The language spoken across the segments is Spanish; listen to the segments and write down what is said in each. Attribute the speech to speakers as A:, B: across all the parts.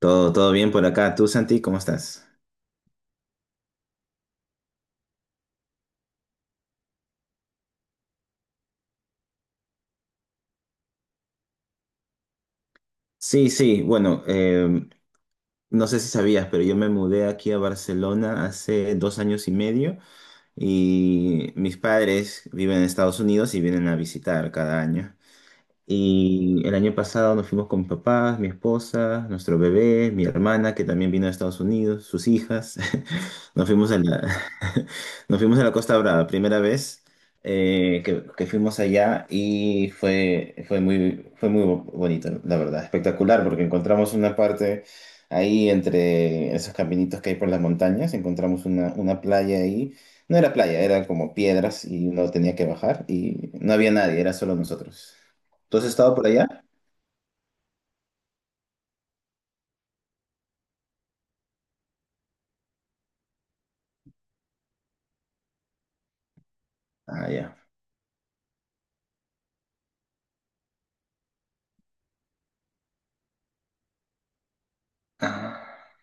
A: Todo, todo bien por acá. ¿Tú, Santi, cómo estás? Sí, sí, bueno, no sé si sabías, pero yo me mudé aquí a Barcelona hace 2 años y medio y mis padres viven en Estados Unidos y vienen a visitar cada año. Y el año pasado nos fuimos con mis papás, mi esposa, nuestro bebé, mi hermana que también vino de Estados Unidos, sus hijas. Nos fuimos a la, Nos fuimos a la Costa Brava, primera vez que fuimos allá y fue muy bonito, la verdad. Espectacular, porque encontramos una parte ahí entre esos caminitos que hay por las montañas. Encontramos una playa ahí. No era playa, era como piedras, y uno tenía que bajar y no había nadie, era solo nosotros. ¿Tú has estado por allá? Ah, ya. Ah,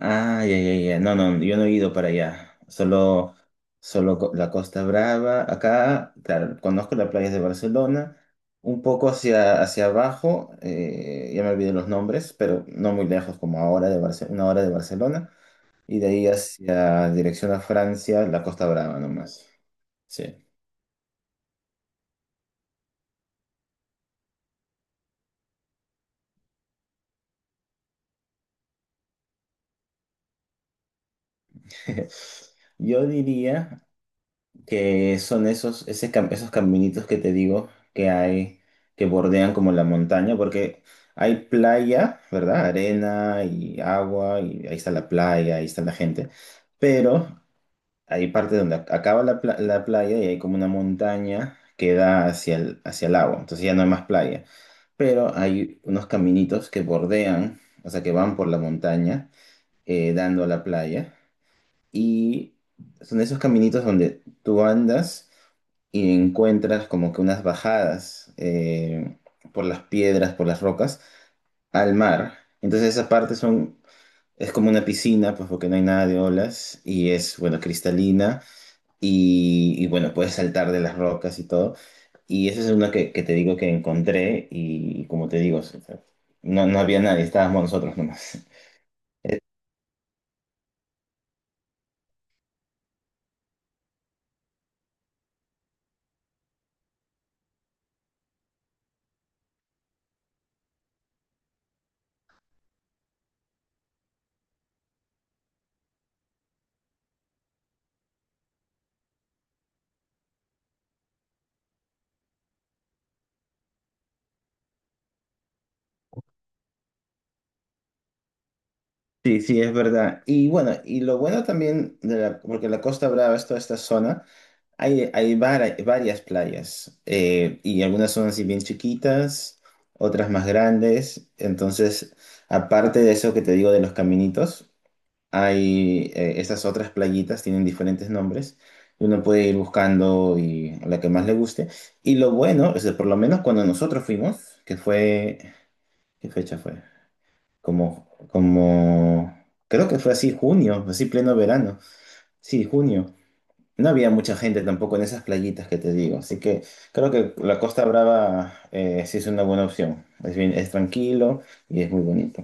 A: ah, ya, ya, ya. No, no, yo no he ido para allá. Solo la Costa Brava. Acá, claro, conozco las playas de Barcelona. Un poco hacia abajo. Ya me olvidé los nombres, pero no muy lejos, como a hora de Barce- una hora de Barcelona. Y de ahí hacia dirección a Francia, la Costa Brava nomás. Sí. Yo diría que son esos caminitos que te digo que hay, que bordean como la montaña. Porque hay playa, ¿verdad? Arena y agua, y ahí está la playa, ahí está la gente, pero hay parte donde acaba la playa y hay como una montaña que da hacia el agua. Entonces ya no hay más playa, pero hay unos caminitos que bordean, o sea, que van por la montaña, dando a la playa. Y son esos caminitos donde tú andas y encuentras como que unas bajadas, por las piedras, por las rocas, al mar. Entonces esa parte son, es como una piscina, pues, porque no hay nada de olas, y es, bueno, cristalina, bueno, puedes saltar de las rocas y todo. Y esa es una que te digo que encontré, y, como te digo, o sea, no, no había nadie, estábamos nosotros nomás. Sí, sí, es verdad. Y bueno, y lo bueno también, porque la Costa Brava es toda esta zona, varias playas, y algunas son así bien chiquitas, otras más grandes. Entonces, aparte de eso que te digo de los caminitos, hay, estas otras playitas, tienen diferentes nombres. Y uno puede ir buscando y la que más le guste. Y lo bueno es que por lo menos cuando nosotros fuimos, que fue, ¿qué fecha fue? como, como, Creo que fue así junio, así pleno verano. Sí, junio. No había mucha gente tampoco en esas playitas que te digo, así que creo que la Costa Brava, sí es una buena opción. Es tranquilo y es muy bonito.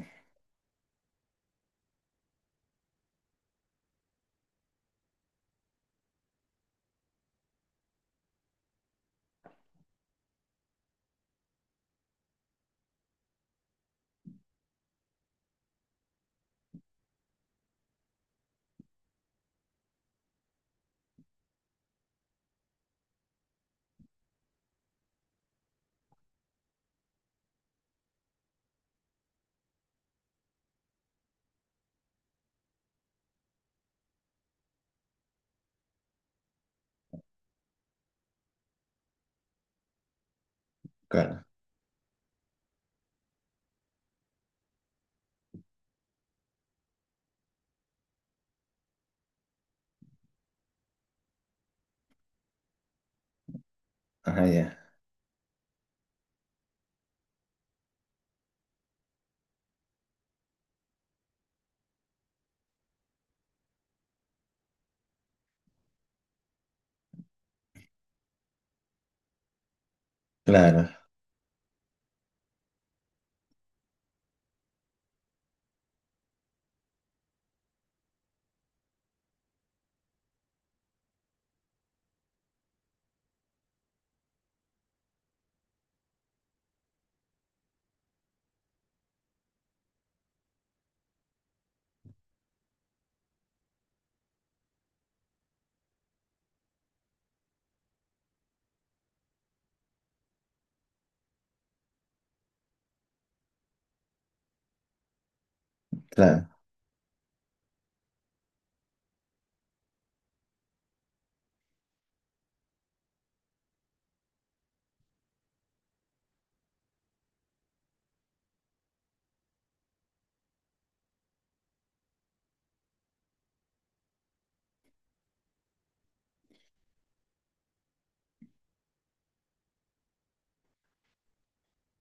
A: Claro. Ajá, ya. Claro, claro.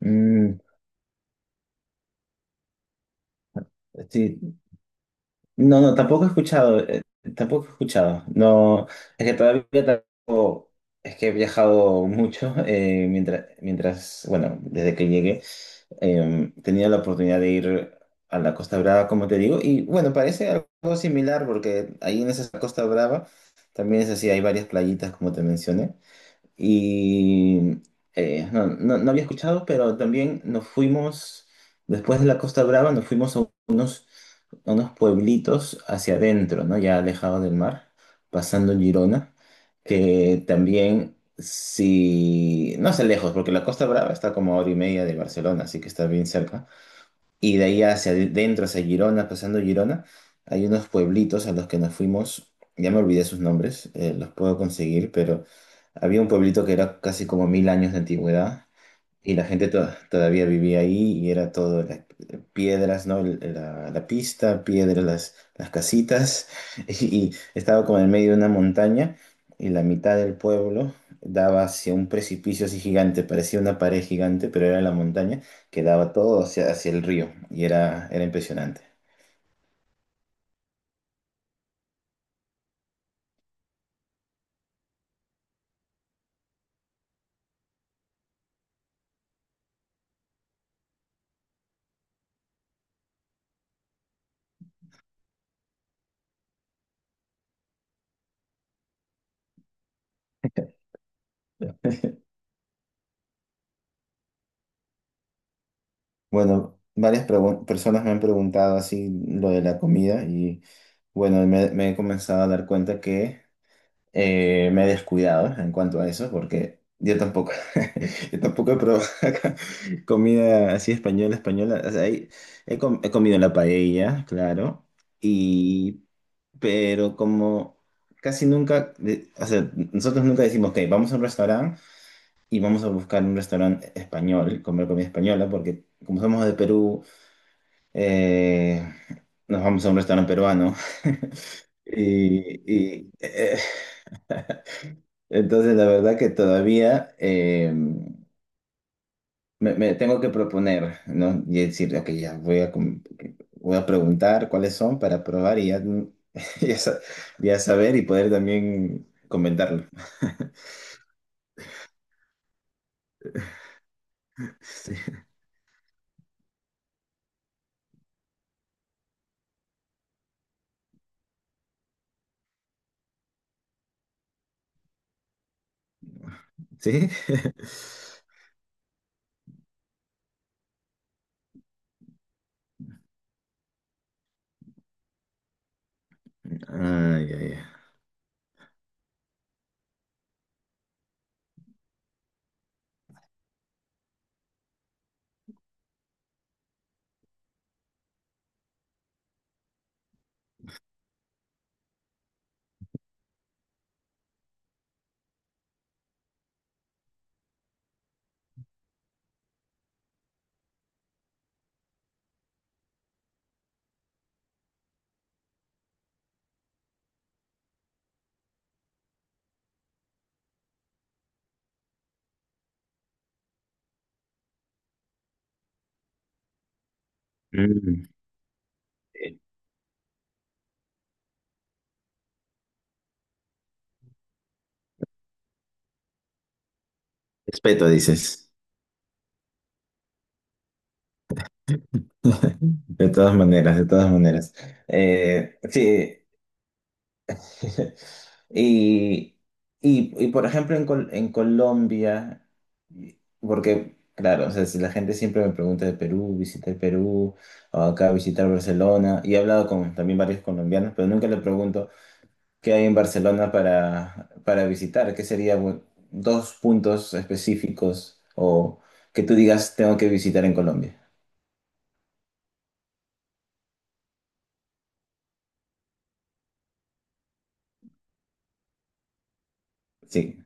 A: Mm. Sí. No, no, tampoco he escuchado, tampoco he escuchado. No, es que todavía tampoco, es que he viajado mucho, bueno, desde que llegué, tenía la oportunidad de ir a la Costa Brava, como te digo, y bueno, parece algo similar, porque ahí en esa Costa Brava también es así, hay varias playitas, como te mencioné. Y, no, no, no había escuchado, pero también nos fuimos, después de la Costa Brava, nos fuimos a a unos pueblitos hacia adentro, ¿no? Ya alejados del mar, pasando Girona, que también, si, no sé, lejos, porque la Costa Brava está como a hora y media de Barcelona, así que está bien cerca. Y de ahí hacia adentro, hacia Girona, pasando Girona, hay unos pueblitos a los que nos fuimos. Ya me olvidé sus nombres, los puedo conseguir, pero había un pueblito que era casi como 1.000 años de antigüedad, y la gente todavía vivía ahí, y era todo piedras, ¿no? La pista, piedras, las casitas. Y estaba como en medio de una montaña, y la mitad del pueblo daba hacia un precipicio así gigante, parecía una pared gigante, pero era la montaña, que daba todo hacia el río, y era impresionante. Bueno, varias personas me han preguntado así lo de la comida, y bueno, me he comenzado a dar cuenta que, me he descuidado en cuanto a eso, porque yo tampoco, yo tampoco he probado acá comida así española, española. O sea, he comido la paella, claro, y, pero como casi nunca, de- o sea, nosotros nunca decimos, ok, vamos a un restaurante y vamos a buscar un restaurante español, comer comida española, porque como somos de Perú, eh, nos vamos a un restaurante peruano. Y, y, Entonces, la verdad que todavía, me tengo que proponer, ¿no? Y decir, ok, ya voy a preguntar cuáles son para probar y ya, ya, sa- ya saber, y poder también comentarlo. Sí. ¿Sí? Ay, ay, ay. Mm. eh, Respeto, dices. De todas maneras, de todas maneras. Sí. Y, por ejemplo, en, en Colombia, porque, claro, o sea, si la gente siempre me pregunta de Perú, visitar Perú, o acá visitar Barcelona, y he hablado con también varios colombianos, pero nunca le pregunto qué hay en Barcelona para, visitar, qué serían dos puntos específicos, o que tú digas, tengo que visitar en Colombia. Sí,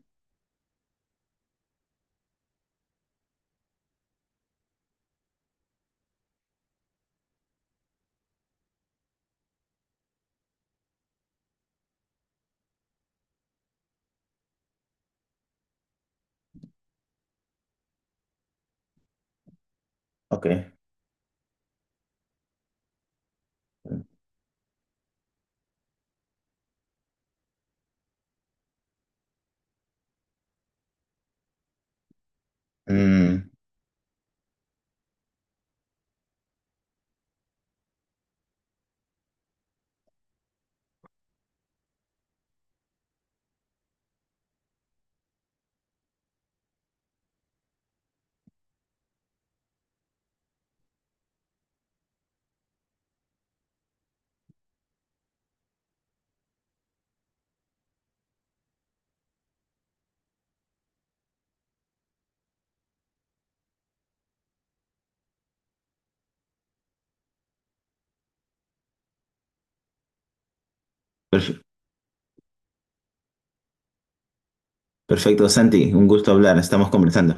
A: ok. Mm, perf- Perfecto, Santi, un gusto hablar, estamos conversando.